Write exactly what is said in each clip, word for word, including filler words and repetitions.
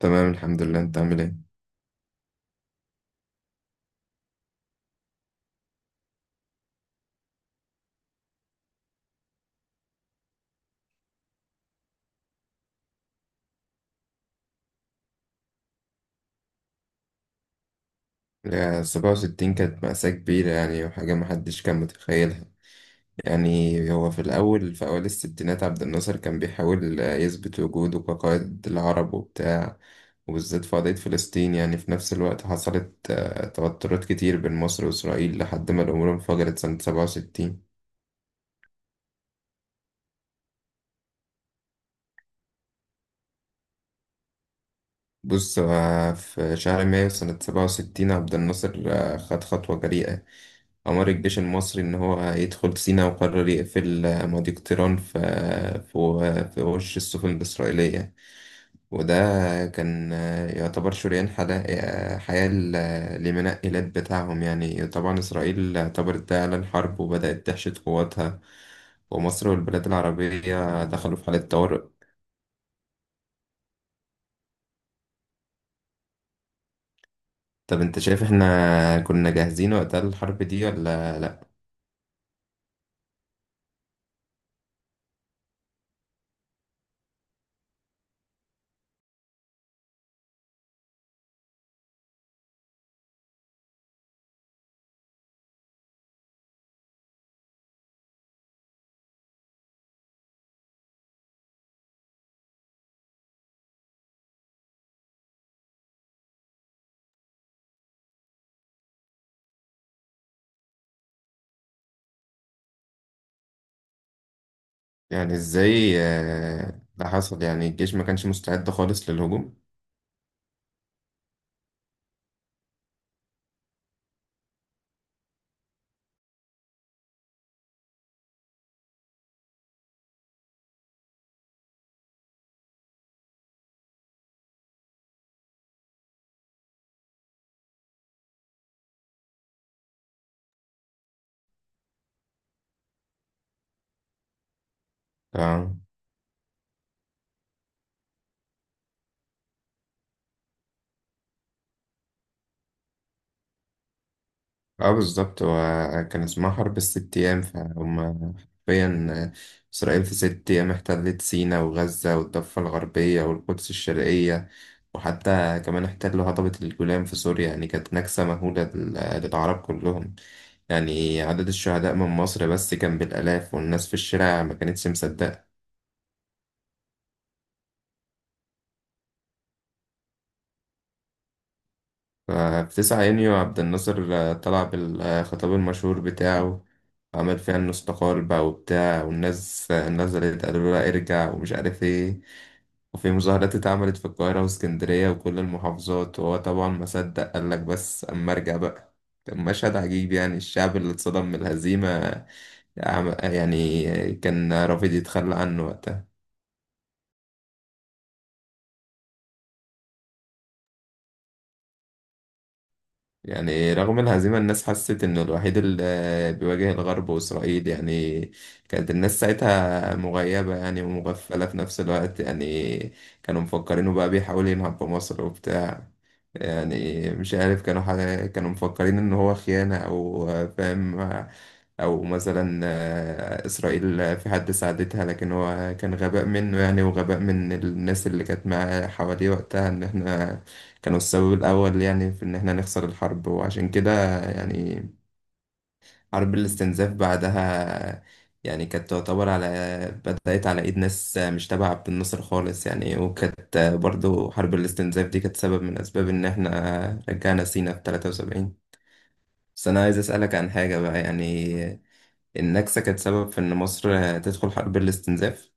تمام، الحمد لله. انت عامل ايه؟ لا، سبعة وستين كانت مأساة كبيرة، يعني وحاجة محدش كان متخيلها. يعني هو في الأول في أوائل الستينات عبد الناصر كان بيحاول آه، يثبت وجوده كقائد العرب وبتاع. وبالذات في قضية فلسطين، يعني في نفس الوقت حصلت آه، توترات كتير بين مصر وإسرائيل لحد ما الأمور انفجرت سنة سبعة وستين. بص، آه، في شهر مايو سنة سبعة وستين عبد الناصر آه، خد خطوة جريئة. أمر الجيش المصري إن هو يدخل سيناء، وقرر يقفل مضيق طيران في في في وش السفن الإسرائيلية. وده كان يعتبر شريان حلا- حياة ل- لمنقلات بتاعهم. يعني طبعا إسرائيل اعتبرت ده إعلان حرب وبدأت تحشد قواتها، ومصر والبلاد العربية دخلوا في حالة طوارئ. طب أنت شايف إحنا كنا جاهزين وقتها للحرب دي ولا لأ؟ يعني إزاي آه، ده حصل؟ يعني الجيش ما كانش مستعد خالص للهجوم؟ آه. اه، بالظبط. هو كان اسمها حرب الست أيام، فهم حرفيا. إسرائيل في ست أيام احتلت سيناء وغزة والضفة الغربية والقدس الشرقية، وحتى كمان احتلوا هضبة الجولان في سوريا. يعني كانت نكسة مهولة لل- للعرب كلهم. يعني عدد الشهداء من مصر بس كان بالآلاف، والناس في الشارع ما كانتش مصدقة. في تسعة يونيو عبد الناصر آه، طلع بالخطاب المشهور بتاعه. عمل فيها انه استقال بقى وبتاع، والناس آه، نزلت قالوا له لا ارجع ومش عارف ايه. وفي مظاهرات اتعملت في القاهرة واسكندرية وكل المحافظات، وهو طبعا ما صدق، قال لك بس أما أرجع بقى. كان مشهد عجيب، يعني الشعب اللي اتصدم من الهزيمة، عم- يعني كان رافض يتخلى عنه وقتها. يعني رغم الهزيمة الناس حست إنه الوحيد اللي بيواجه الغرب وإسرائيل. يعني كانت الناس ساعتها مغيبة يعني ومغفلة في نفس الوقت. يعني كانوا مفكرينه بقى بيحاول ينهب بمصر وبتاع. يعني مش عارف كانوا حاجة، كانوا مفكرين إن هو خيانة، أو فاهم، او مثلا آه، اسرائيل آه، في حد ساعدتها. لكن هو كان غباء منه، يعني وغباء من الناس اللي كانت معاه حواليه وقتها، ان احنا كانوا السبب الاول، يعني في ان احنا نخسر الحرب. وعشان كده يعني حرب الاستنزاف بعدها، يعني كانت تعتبر على، بدأت على ايد ناس مش تبع عبد الناصر خالص. يعني وكانت برضو حرب الاستنزاف دي كانت سبب من اسباب ان احنا رجعنا سينا في تلاتة وسبعين. بس انا عايز اسألك عن حاجة بقى. يعني النكسة كانت سبب في إن مصر تدخل حرب الاستنزاف.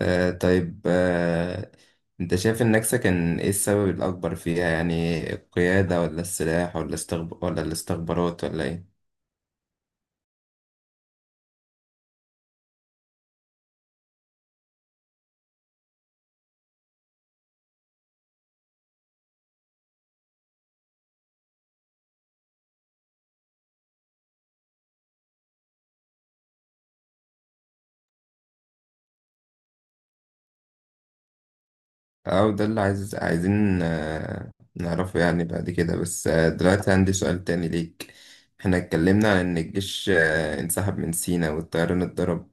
آه، طيب. آه أنت شايف النكسة كان إيه السبب الأكبر فيها؟ يعني القيادة ولا السلاح ولا استخب... ولا الاستخبارات ولا إيه؟ أو ده اللي عايز عايزين آه نعرفه يعني بعد كده. بس آه دلوقتي عندي سؤال تاني ليك. إحنا اتكلمنا عن إن الجيش آه انسحب من سينا والطيران اتضرب.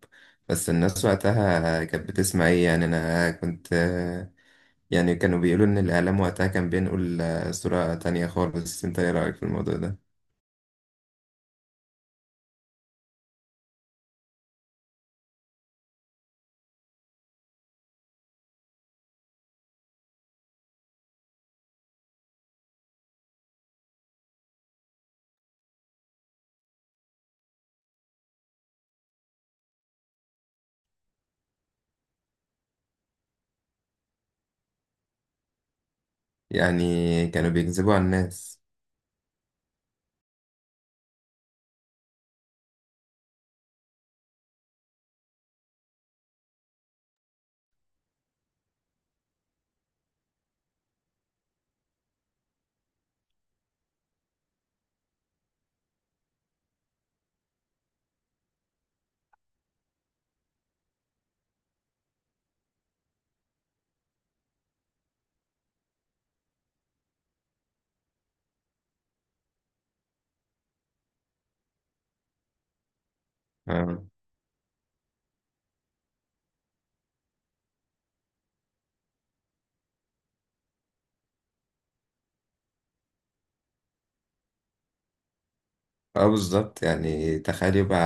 بس الناس وقتها كانت بتسمع إيه؟ يعني أنا كنت، يعني كانوا بيقولوا إن الإعلام وقتها كان بينقل آه، صورة تانية خالص. أنت إيه رأيك في الموضوع ده؟ يعني كانوا بيكذبوا على الناس. آه. اه، بالظبط. يعني تخيل يبقى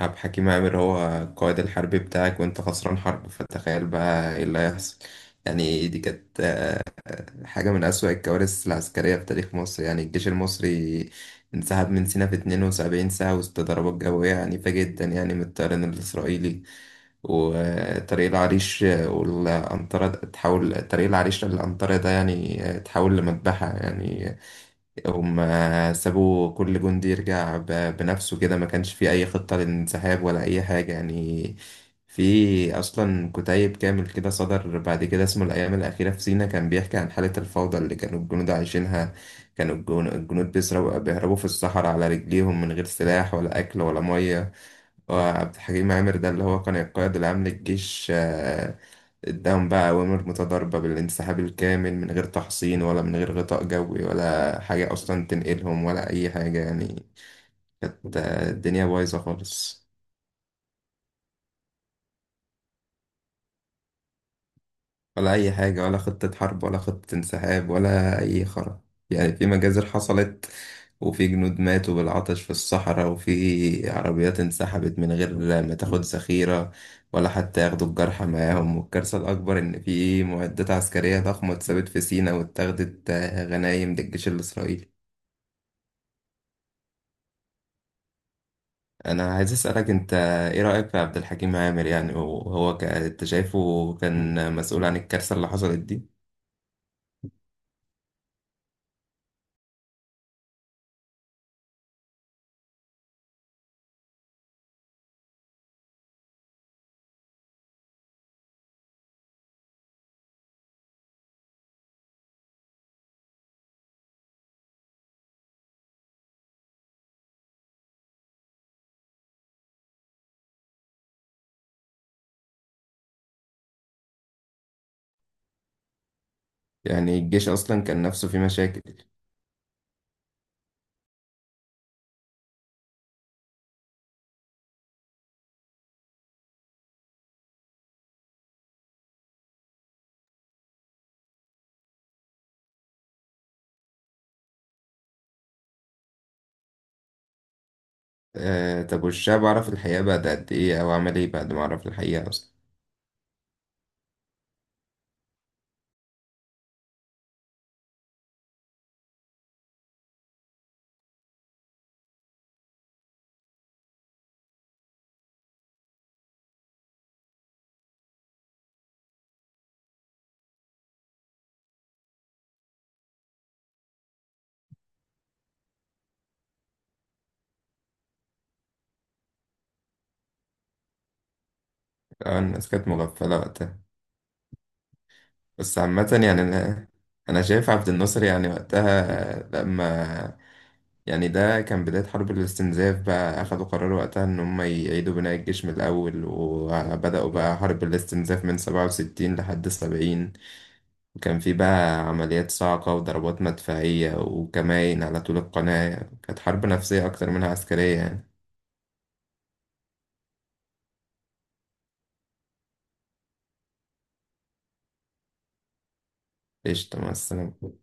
عبد الحكيم عامر هو القائد الحربي بتاعك، وانت خسران حرب، فتخيل بقى ايه اللي هيحصل. يعني دي كانت آه، حاجة من أسوأ الكوارث العسكرية في تاريخ مصر. يعني الجيش المصري انسحب من سيناء في اتنين وسبعين ساعة وسط ضربات جوية عنيفة جدا، يعني من الطيران الإسرائيلي. وطريق العريش والأنطرة، تحول طريق العريش للأنطرة ده، يعني تحول لمذبحة. يعني هم سابوا كل جندي يرجع ب- بنفسه كده، ما كانش في أي خطة للانسحاب ولا أي حاجة. يعني في أصلا كتيب كامل كده صدر بعد كده اسمه الأيام الأخيرة في سينا، كان بيحكي عن حالة الفوضى اللي كانوا الجنود عايشينها. كانوا الجن- الجنود بيسرقوا بيهربوا في الصحراء على رجليهم من غير سلاح ولا أكل ولا مية. وعبد الحكيم عامر ده اللي هو كان القائد العام للجيش، آه، قدام بقى أوامر متضاربة بالانسحاب الكامل من غير تحصين ولا من غير غطاء جوي ولا حاجة أصلا تنقلهم ولا أي حاجة. يعني كانت آه، الدنيا بايظة خالص. ولا أي حاجة، ولا خطة حرب ولا خطة انسحاب ولا أي خرا. يعني في مجازر حصلت، وفي جنود ماتوا بالعطش في الصحراء، وفي عربيات انسحبت من غير ما تاخد ذخيرة، ولا حتى ياخدوا الجرحى معاهم. والكارثة الأكبر إن في معدات عسكرية ضخمة اتثبت في سيناء واتاخدت آه، غنايم للجيش الإسرائيلي. أنا عايز أسألك أنت، إيه رأيك في عبد الحكيم عامر؟ يعني وهو ك- أنت شايفه كان مسؤول عن الكارثة اللي حصلت دي؟ يعني الجيش أصلا كان نفسه فيه مشاكل. آه، طب والشعب عرف الحقيقة بعد قد إيه، أو عمل إيه بعد ما عرف الحقيقة أصلا؟ آه، الناس كانت مغفلة وقتها. بس عامة يعني أنا أنا شايف عبد الناصر يعني وقتها، آه، لما يعني ده كان بداية حرب الاستنزاف. بقى أخدوا قرار وقتها إن هم يعيدوا بناء الجيش من الأول، وبدأوا بقى حرب الاستنزاف من سبعة وستين لحد سبعين. وكان في بقى عمليات صاعقة وضربات مدفعية وكمائن على طول القناة. كانت حرب نفسية أكتر منها عسكرية. يعني قشطة، مع السلامة.